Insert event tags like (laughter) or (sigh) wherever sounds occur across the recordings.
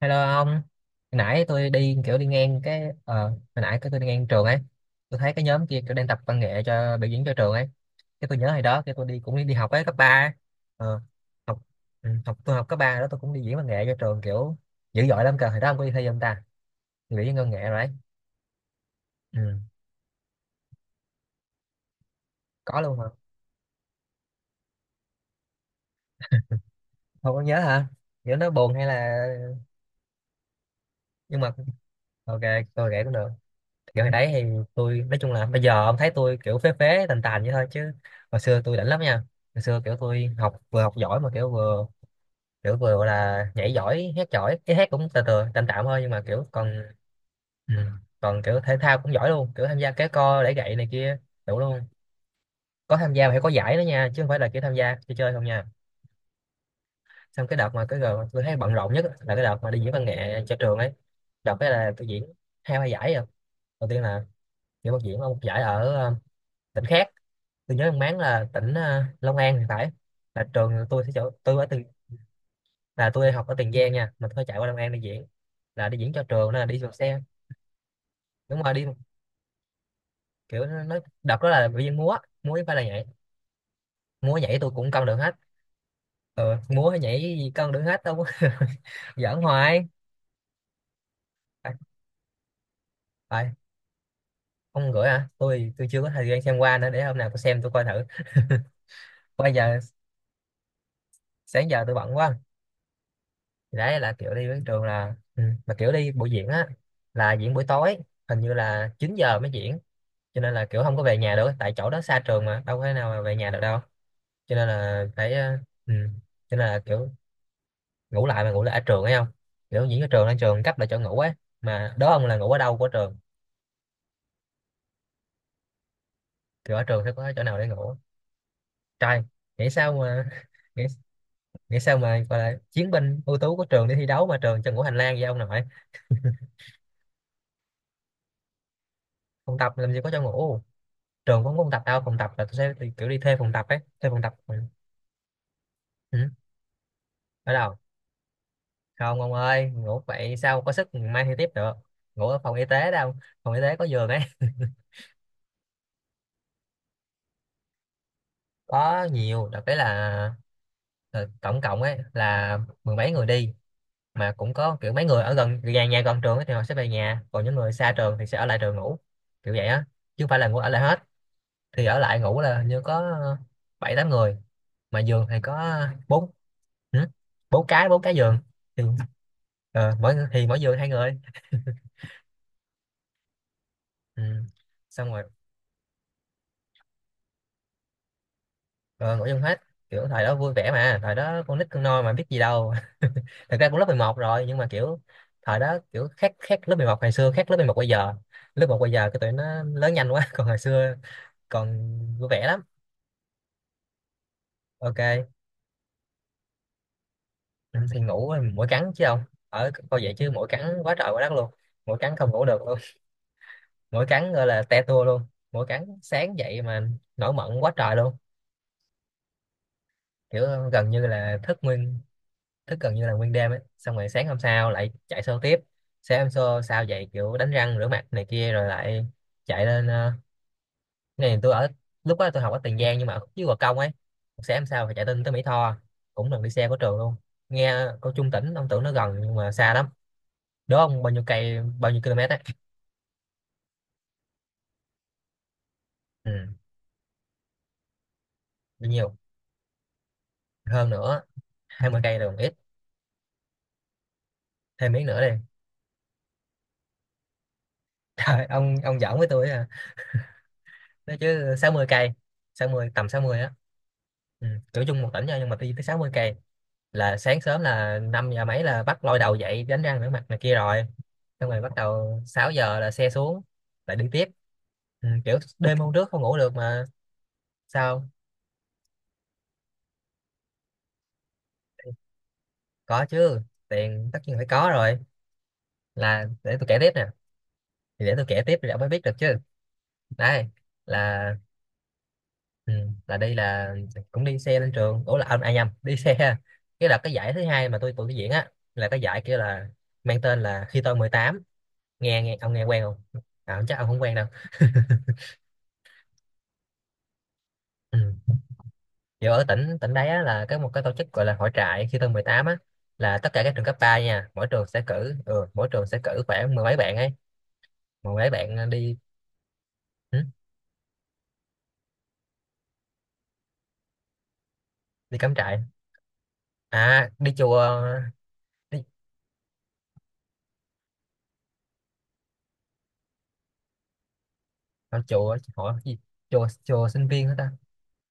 Hello ông, hồi nãy tôi đi kiểu đi ngang cái hồi nãy cái tôi đi ngang trường ấy, tôi thấy cái nhóm kia kiểu đang tập văn nghệ cho biểu diễn cho trường ấy, cái tôi nhớ hồi đó cái tôi đi cũng đi học ấy cấp ba, ấy. Ờ, học học tôi học cấp ba đó tôi cũng đi diễn văn nghệ cho trường kiểu dữ dội lắm cơ, hồi đó ông có đi thi không ta? Biểu diễn văn nghệ rồi đấy, ừ, có luôn hả? Không có nhớ hả? Kiểu nó buồn hay là nhưng mà ok tôi kể cũng được. Kiểu hồi đấy thì tôi nói chung là bây giờ ông thấy tôi kiểu phế phế tàn tàn vậy thôi chứ hồi xưa tôi đỉnh lắm nha, hồi xưa kiểu tôi học vừa học giỏi mà kiểu vừa gọi là nhảy giỏi hát giỏi, cái hát cũng từ từ tạm tạm thôi nhưng mà kiểu còn ừ, còn kiểu thể thao cũng giỏi luôn, kiểu tham gia kéo co đẩy gậy này kia đủ luôn, có tham gia mà phải có giải đó nha chứ không phải là kiểu tham gia chơi chơi không nha. Xong cái đợt mà cái giờ tôi thấy bận rộn nhất là cái đợt mà đi diễn văn nghệ cho trường ấy, đợt cái là tôi diễn hai ba giải rồi. Đầu tiên là diễn ở một giải ở tỉnh khác. Tôi nhớ ông Mán là tỉnh Long An thì phải, là trường tôi sẽ chỗ tôi ở từ là tôi học ở Tiền Giang nha mà tôi phải chạy qua Long An đi diễn, là đi diễn cho trường nên là đi bằng xe. Đúng rồi đi kiểu đợt đó là biểu diễn múa, múa với phải là nhảy, múa nhảy tôi cũng cân được hết. Ừ, múa hay nhảy gì cân được hết đâu. (laughs) Giỡn hoài. Phải, phải. Ông gửi hả, tôi chưa có thời gian xem qua nữa, để hôm nào tôi xem tôi coi thử. (laughs) Bây giờ sáng giờ tôi bận quá. Thì đấy là kiểu đi với trường là ừ. Mà kiểu đi buổi diễn á, là diễn buổi tối, hình như là 9 giờ mới diễn, cho nên là kiểu không có về nhà được, tại chỗ đó xa trường mà đâu có thể nào mà về nhà được đâu, cho nên là phải ừ. Cho nên là kiểu ngủ lại, mà ngủ lại ở trường ấy không, kiểu diễn ở trường, ở trường cấp lại chỗ ngủ ấy, mà đó ông là ngủ ở đâu của trường. Kiểu ở trường sẽ có chỗ nào để ngủ, trời nghĩ sao mà (laughs) nghĩ, nghĩ sao mà gọi là chiến binh ưu tú của trường đi thi đấu mà trường cho ngủ hành lang vậy ông nội. Không tập làm gì có chỗ ngủ, trường cũng không tập đâu, phòng tập là tôi sẽ kiểu đi thuê phòng tập ấy, thuê phòng tập, ừ. Ừ. Ở đâu? Không ông ơi ngủ vậy sao có sức mai thi tiếp được. Ngủ ở phòng y tế đâu, phòng y tế có giường ấy. Có nhiều, đặc biệt là tổng cộng ấy là mười mấy người đi, mà cũng có kiểu mấy người ở gần nhà, nhà gần trường ấy, thì họ sẽ về nhà, còn những người xa trường thì sẽ ở lại trường ngủ, kiểu vậy á, chứ không phải là ngủ ở lại hết. Thì ở lại ngủ là hình như có bảy tám người, mà giường thì có bốn. Ừ. Bốn cái giường thì mỗi giường hai người. Ừ. Xong rồi ờ, ngủ chung hết, kiểu thời đó vui vẻ mà, thời đó con nít con nôi mà biết gì đâu. (laughs) Thật ra cũng lớp 11 rồi nhưng mà kiểu thời đó kiểu khác, khác lớp 11 ngày xưa khác lớp 11 bây giờ, lớp một bây giờ cái tụi nó lớn nhanh quá. (laughs) Còn hồi xưa còn vui vẻ lắm. Ok. Ừ, thì ngủ mỗi cắn chứ không, ở coi vậy chứ mỗi cắn quá trời quá đất luôn, mỗi cắn không ngủ được luôn, mỗi cắn gọi là te tua luôn, mỗi cắn sáng dậy mà nổi mẩn quá trời luôn, kiểu gần như là thức nguyên, thức gần như là nguyên đêm ấy. Xong rồi sáng hôm sau lại chạy show tiếp, sáng hôm sau sau dậy kiểu đánh răng rửa mặt này kia rồi lại chạy lên cái này tôi ở lúc đó tôi học ở Tiền Giang nhưng mà ở khúc dưới Gò Công ấy, sáng hôm sau phải chạy lên tới Mỹ Tho, cũng lần đi xe của trường luôn. Nghe cô Trung tỉnh ông tưởng nó gần nhưng mà xa lắm, đố ông bao nhiêu cây bao nhiêu km ấy. Ừ, bao nhiêu? Hơn nữa. Hai mươi cây là còn ít, thêm miếng nữa đi. (laughs) Trời ông giỡn với tôi à. Nói chứ 60 cây, sáu mươi, tầm 60 á. Ừ. Cỡ chung một tỉnh thôi nhưng mà đi tới sáu mươi cây, là sáng sớm là 5 giờ mấy là bắt lôi đầu dậy đánh răng rửa mặt này kia rồi, xong rồi bắt đầu 6 giờ là xe xuống lại đi tiếp. Ừ. Kiểu đêm hôm trước không ngủ được mà. Sao? Có chứ, tiền tất nhiên phải có rồi, là để tôi kể tiếp nè. Thì để tôi kể tiếp thì ông mới biết được chứ. Đây là ừ. Là đi là cũng đi xe lên trường, ủa là anh ai nhầm đi xe, cái đợt cái giải thứ hai mà tụi tôi diễn á, là cái giải kia là mang tên là khi tôi mười tám, nghe nghe ông nghe quen không à, chắc ông không quen đâu. Ừ. Giờ ở tỉnh tỉnh đấy á, là có một cái tổ chức gọi là hội trại khi tôi 18 á, là tất cả các trường cấp 3 nha, mỗi trường sẽ cử mỗi trường sẽ cử khoảng mười mấy bạn ấy, mười mấy bạn à, đi ừ, đi cắm trại. À đi chùa đi không, chùa hội gì, chùa chùa sinh viên hả ta?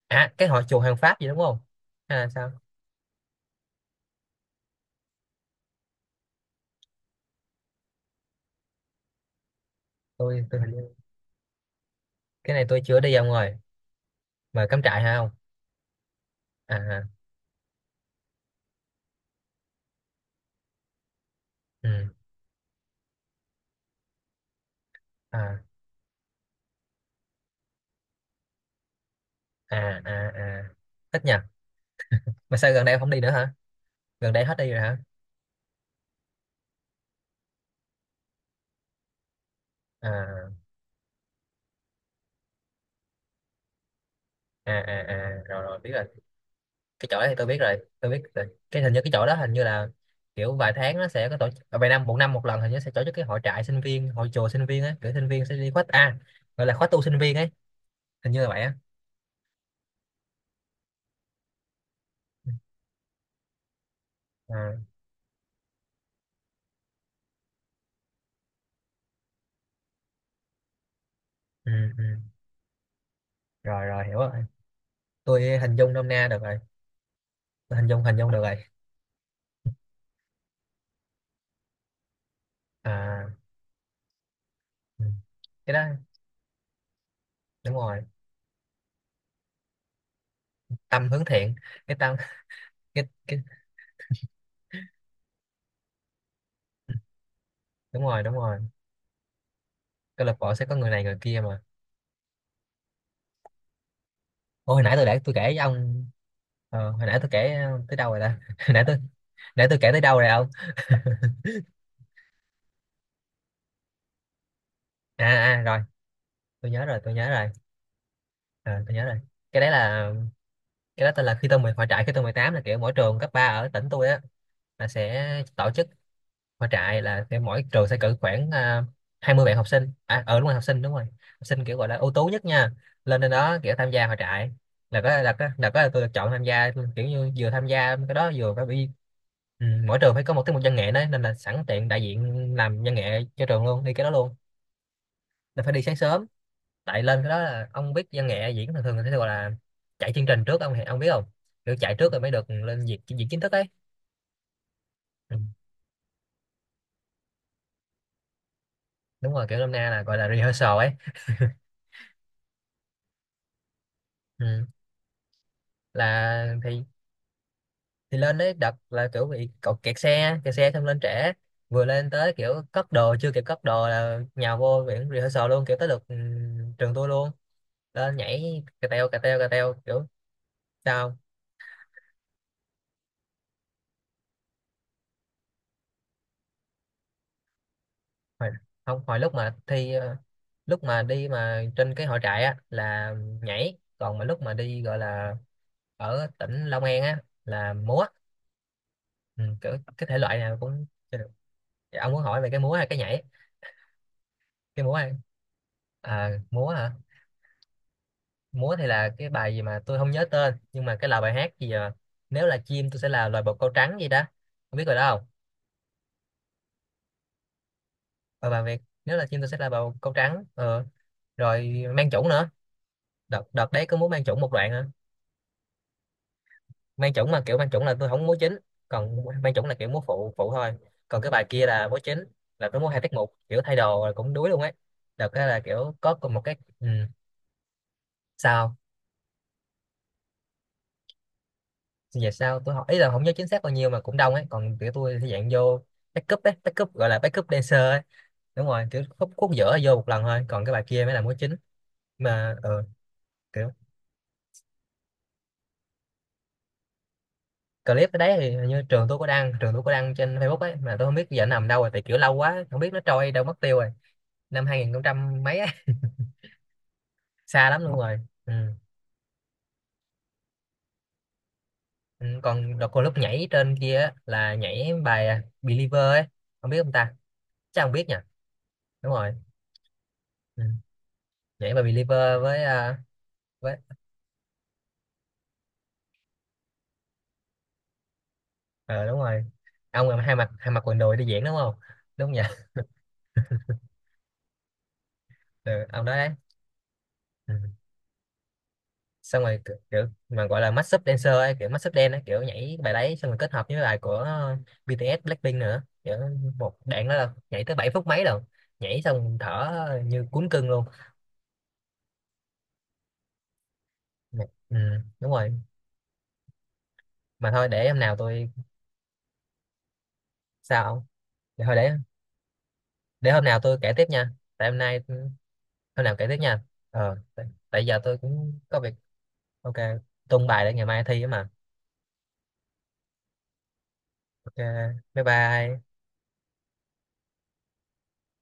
À cái hội chùa hàng Pháp gì đúng không, hay là sao? Tôi hình như cái này tôi chưa đi ông rồi, mà cắm trại hả không. À ừ. À ừ. À à à thích nhỉ, mà sao gần đây ông không đi nữa hả, gần đây hết đi rồi hả. À à à, à. Rồi rồi biết rồi, cái chỗ đó thì tôi biết rồi tôi biết rồi. Cái hình như cái chỗ đó hình như là kiểu vài tháng nó sẽ có tổ chức à, vài năm một lần hình như sẽ tổ chức cái hội trại sinh viên, hội chùa sinh viên á, kiểu sinh viên sẽ đi khóa a, gọi là khóa tu sinh viên ấy, hình như là vậy á. À, ừ, ừ. Rồi rồi hiểu rồi, tôi hình dung nôm na được rồi, tôi hình dung được rồi. À ừ. Cái đó đúng rồi, tâm hướng thiện. Cái tâm (laughs) cái đúng rồi đúng rồi, câu lạc bộ sẽ có người này người kia mà. Ôi, hồi nãy tôi để tôi kể với ông, ờ, hồi nãy tôi kể tới đâu rồi ta. (laughs) Hồi nãy tôi kể tới đâu rồi ông. À, à rồi tôi nhớ rồi tôi nhớ rồi. Ờ, tôi nhớ rồi. Cái đấy là cái đó tên là khi tôi mười, hội trại khi tôi mười tám, là kiểu mỗi trường cấp 3 ở tỉnh tôi á, là sẽ tổ chức khóa trại, là cái mỗi trường sẽ cử khoảng à, 20 bạn học sinh, à ờ đúng rồi học sinh đúng rồi, học sinh kiểu gọi là ưu tú nhất nha, lên trên đó kiểu tham gia hội trại. Là có tôi được chọn tham gia kiểu như vừa tham gia cái đó vừa phải bị ừ, mỗi trường phải có một tiết mục văn nghệ đấy, nên là sẵn tiện đại diện làm văn nghệ cho trường luôn đi cái đó luôn, là phải đi sáng sớm. Tại lên cái đó là ông biết văn nghệ diễn thường thường người ta sẽ gọi là chạy chương trình trước, ông biết không, kiểu chạy trước rồi mới được lên diễn, diễn chính thức ấy. Ừ. Đúng rồi kiểu năm nay là gọi là rehearsal ấy. Ừ. Là thì lên đấy đợt là kiểu bị cậu kẹt xe, kẹt xe xong lên trễ, vừa lên tới kiểu cất đồ chưa kịp cất đồ là nhào vô viện rehearsal luôn, kiểu tới lượt trường tôi luôn, lên nhảy cà teo cà teo cà teo kiểu. Sao không? Hồi, không hồi lúc mà thi lúc mà đi mà trên cái hội trại á là nhảy, còn mà lúc mà đi gọi là ở tỉnh Long An á là múa. Ừ, kiểu cái thể loại nào cũng chơi được. Dạ, ông muốn hỏi về cái múa hay cái nhảy, cái múa hay. À, múa hả, múa thì là cái bài gì mà tôi không nhớ tên nhưng mà cái là bài hát gì à? Nếu là chim tôi sẽ là loài bồ câu trắng gì đó, không biết rồi đó không. Và bài Việt nếu là chim tôi sẽ là bồ câu trắng ờ. Rồi mang chủng nữa, đợt đợt đấy có múa mang chủng một đoạn nữa, mang chủng mà kiểu mang chủng là tôi không múa chính, còn mang chủng là kiểu múa phụ phụ thôi, còn cái bài kia là múa chính, là tôi múa hai tiết mục kiểu thay đồ rồi cũng đuối luôn ấy. Đợt đó là kiểu có cùng một cái ừ. Sao? Về sao tôi học ý là không nhớ chính xác bao nhiêu mà cũng đông ấy, còn kiểu tôi thì dạng vô backup ấy, backup gọi là backup dancer ấy. Đúng rồi kiểu khúc khúc giữa vô một lần thôi, còn cái bài kia mới là múa chính. Mà ờ, kiểu clip ở đấy thì hình như trường tôi có đăng, trường tôi có đăng trên Facebook ấy, mà tôi không biết giờ nó nằm đâu rồi, tại kiểu lâu quá không biết nó trôi đâu mất tiêu rồi. Năm 2000 mấy á. (laughs) Xa lắm luôn rồi. Ừ. Ừ, còn đợt còn lúc nhảy trên kia á, là nhảy bài à, Believer ấy, không biết ông ta, chắc không biết nhỉ. Đúng rồi. Ừ. Nhảy bài Believer với à, với ờ đúng rồi. Ông là hai mặt quần đùi đi diễn đúng không, đúng không nhỉ. Ừ, ông đó đấy. Ừ. Xong rồi kiểu, kiểu mà gọi là mashup dancer ấy, kiểu mashup dance ấy, kiểu nhảy bài đấy xong rồi kết hợp với bài của BTS Blackpink nữa, kiểu một đoạn đó là nhảy tới 7 phút mấy rồi, nhảy xong thở như cuốn cưng luôn. Ừ, đúng rồi. Mà thôi để hôm nào tôi, sao không, để thôi để hôm nào tôi kể tiếp nha. Tại hôm nay ừ, hôm nào kể tiếp nha. Ờ tại, tại giờ tôi cũng có việc. Ok. Tung bài để ngày mai thi á mà. Ok bye bye.